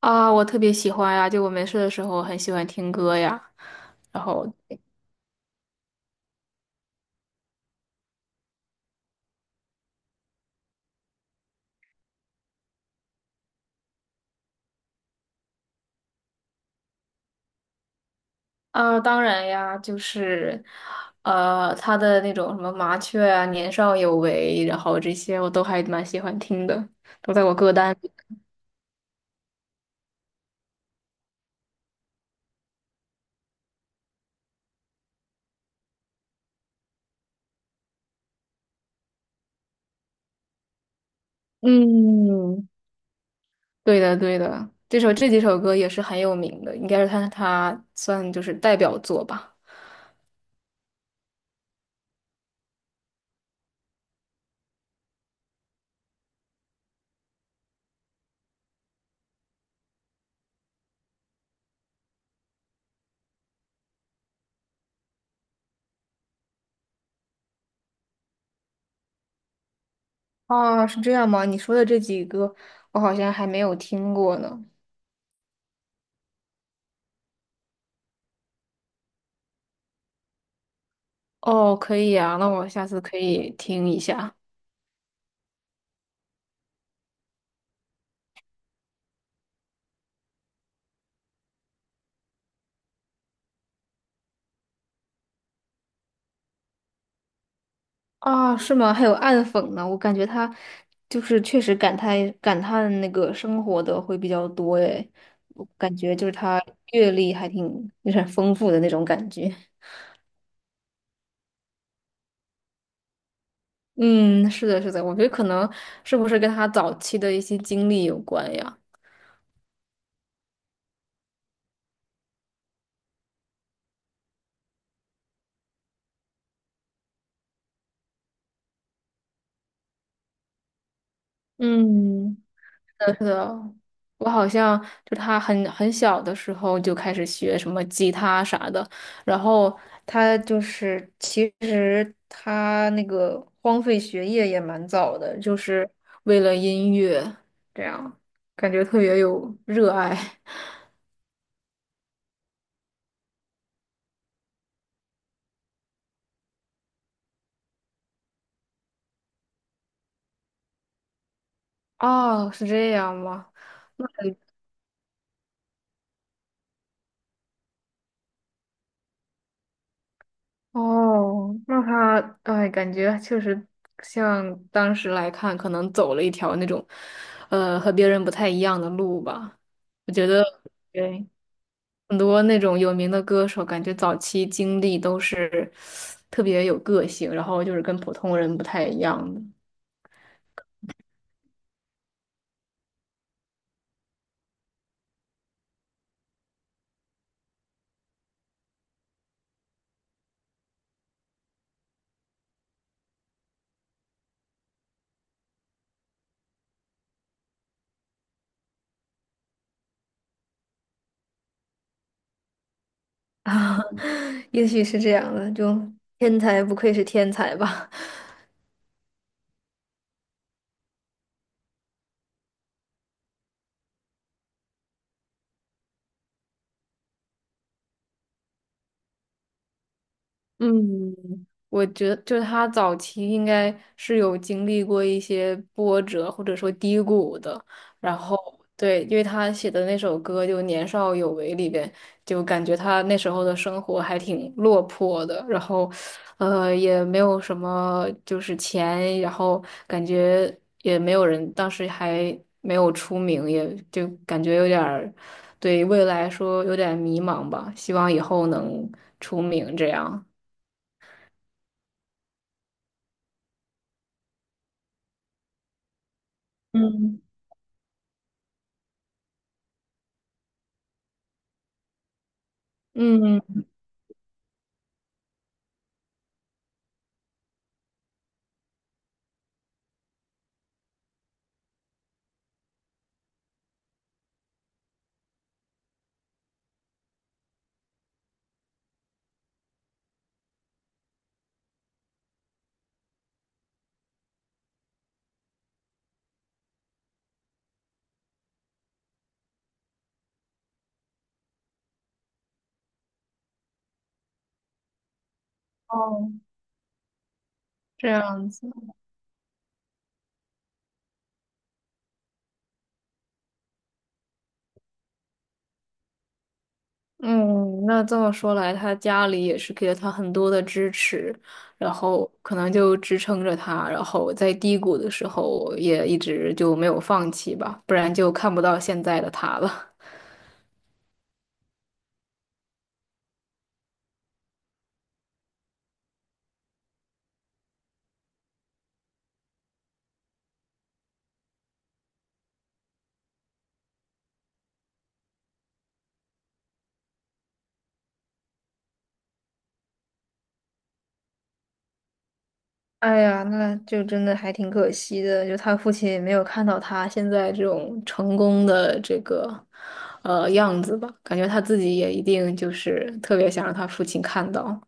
啊，我特别喜欢呀，就我没事的时候很喜欢听歌呀。然后啊，当然呀，就是他的那种什么麻雀啊、年少有为，然后这些我都还蛮喜欢听的，都在我歌单里。嗯，对的，对的，这首这几首歌也是很有名的，应该是他算就是代表作吧。哦，是这样吗？你说的这几个，我好像还没有听过呢。哦，可以呀，那我下次可以听一下。啊，是吗？还有暗讽呢，我感觉他就是确实感叹感叹那个生活的会比较多诶，我感觉就是他阅历还挺有点丰富的那种感觉。嗯，是的，是的，我觉得可能是不是跟他早期的一些经历有关呀？嗯。是的，我好像就他很小的时候就开始学什么吉他啥的，然后他就是其实他那个荒废学业也蛮早的，就是为了音乐，这样感觉特别有热爱。哦，是这样吗？那。哦，那他哎，感觉确实像当时来看，可能走了一条那种，和别人不太一样的路吧。我觉得，对，很多那种有名的歌手，感觉早期经历都是特别有个性，然后就是跟普通人不太一样的。啊，也许是这样的，就天才不愧是天才吧。嗯，我觉得就是他早期应该是有经历过一些波折或者说低谷的，然后对，因为他写的那首歌就《年少有为》里边，就感觉他那时候的生活还挺落魄的，然后也没有什么就是钱，然后感觉也没有人，当时还没有出名，也就感觉有点儿对未来说有点迷茫吧，希望以后能出名这样。嗯嗯，哦，这样子，嗯，那这么说来，他家里也是给了他很多的支持，然后可能就支撑着他，然后在低谷的时候也一直就没有放弃吧，不然就看不到现在的他了。哎呀，那就真的还挺可惜的，就他父亲也没有看到他现在这种成功的这个样子吧，感觉他自己也一定就是特别想让他父亲看到。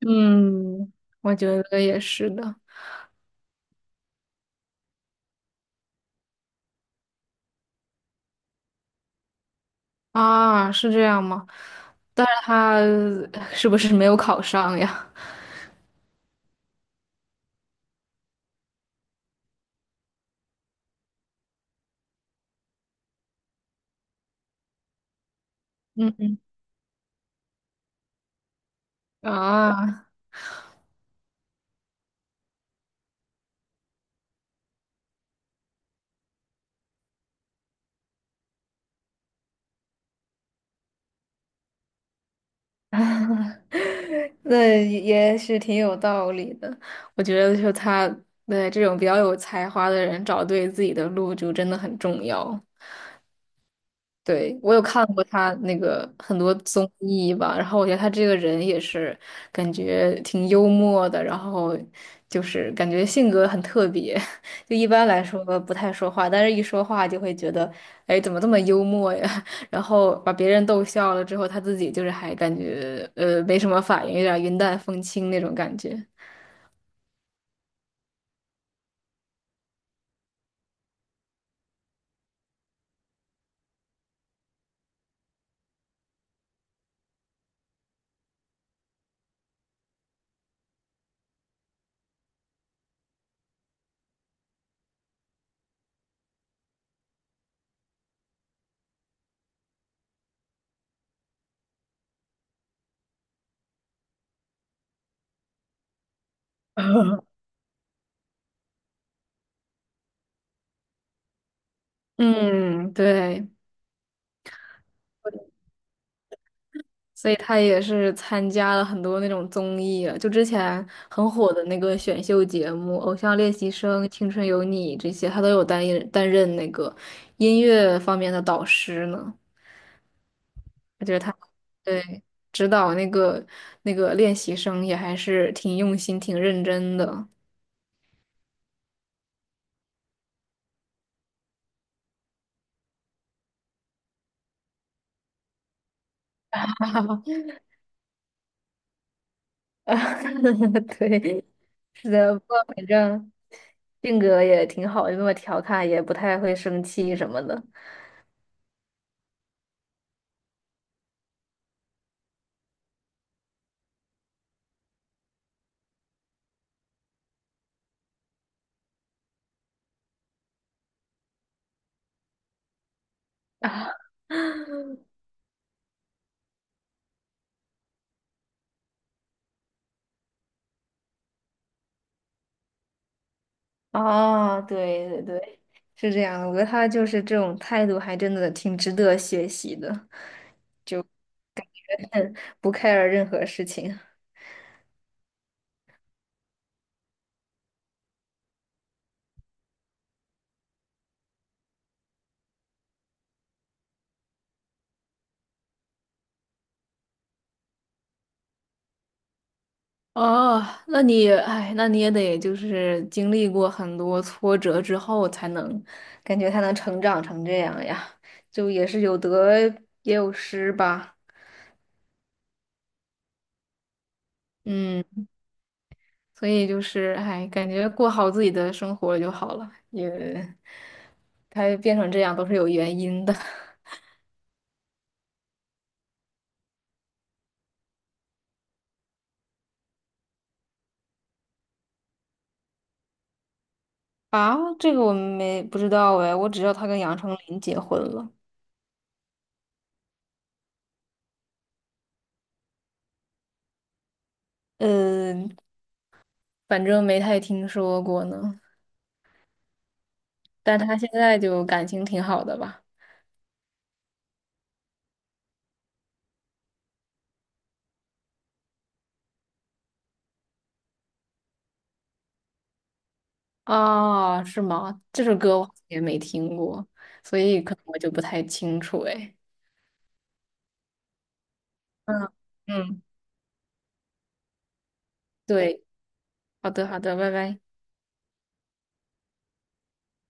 嗯，我觉得也是的啊，是这样吗？但是他是不是没有考上呀？嗯啊，那也是挺有道理的。我觉得就他对这种比较有才华的人，找对自己的路就真的很重要。对，我有看过他那个很多综艺吧，然后我觉得他这个人也是感觉挺幽默的，然后就是感觉性格很特别，就一般来说不太说话，但是一说话就会觉得，哎，怎么这么幽默呀？然后把别人逗笑了之后，他自己就是还感觉没什么反应，有点云淡风轻那种感觉。嗯，对。所以他也是参加了很多那种综艺，啊，就之前很火的那个选秀节目《偶像练习生》《青春有你》这些，他都有担任那个音乐方面的导师呢。我觉得他对指导那个练习生也还是挺用心、挺认真的。啊对，是的，不过反正性格也挺好，就那么调侃，也不太会生气什么的。啊，对对对。是这样的，我觉得他就是这种态度，还真的挺值得学习的。嗯不 care 任何事情。哦，那你，哎，那你也得就是经历过很多挫折之后，才能感觉他能成长成这样呀，就也是有得也有失吧。嗯，所以就是，哎，感觉过好自己的生活就好了，也，他变成这样都是有原因的。啊，这个我们没不知道哎，我只知道他跟杨丞琳结婚了，嗯，反正没太听说过呢。但他现在就感情挺好的吧？啊，是吗？这首歌我好像也没听过，所以可能我就不太清楚哎。嗯嗯，对，好的好的，拜拜。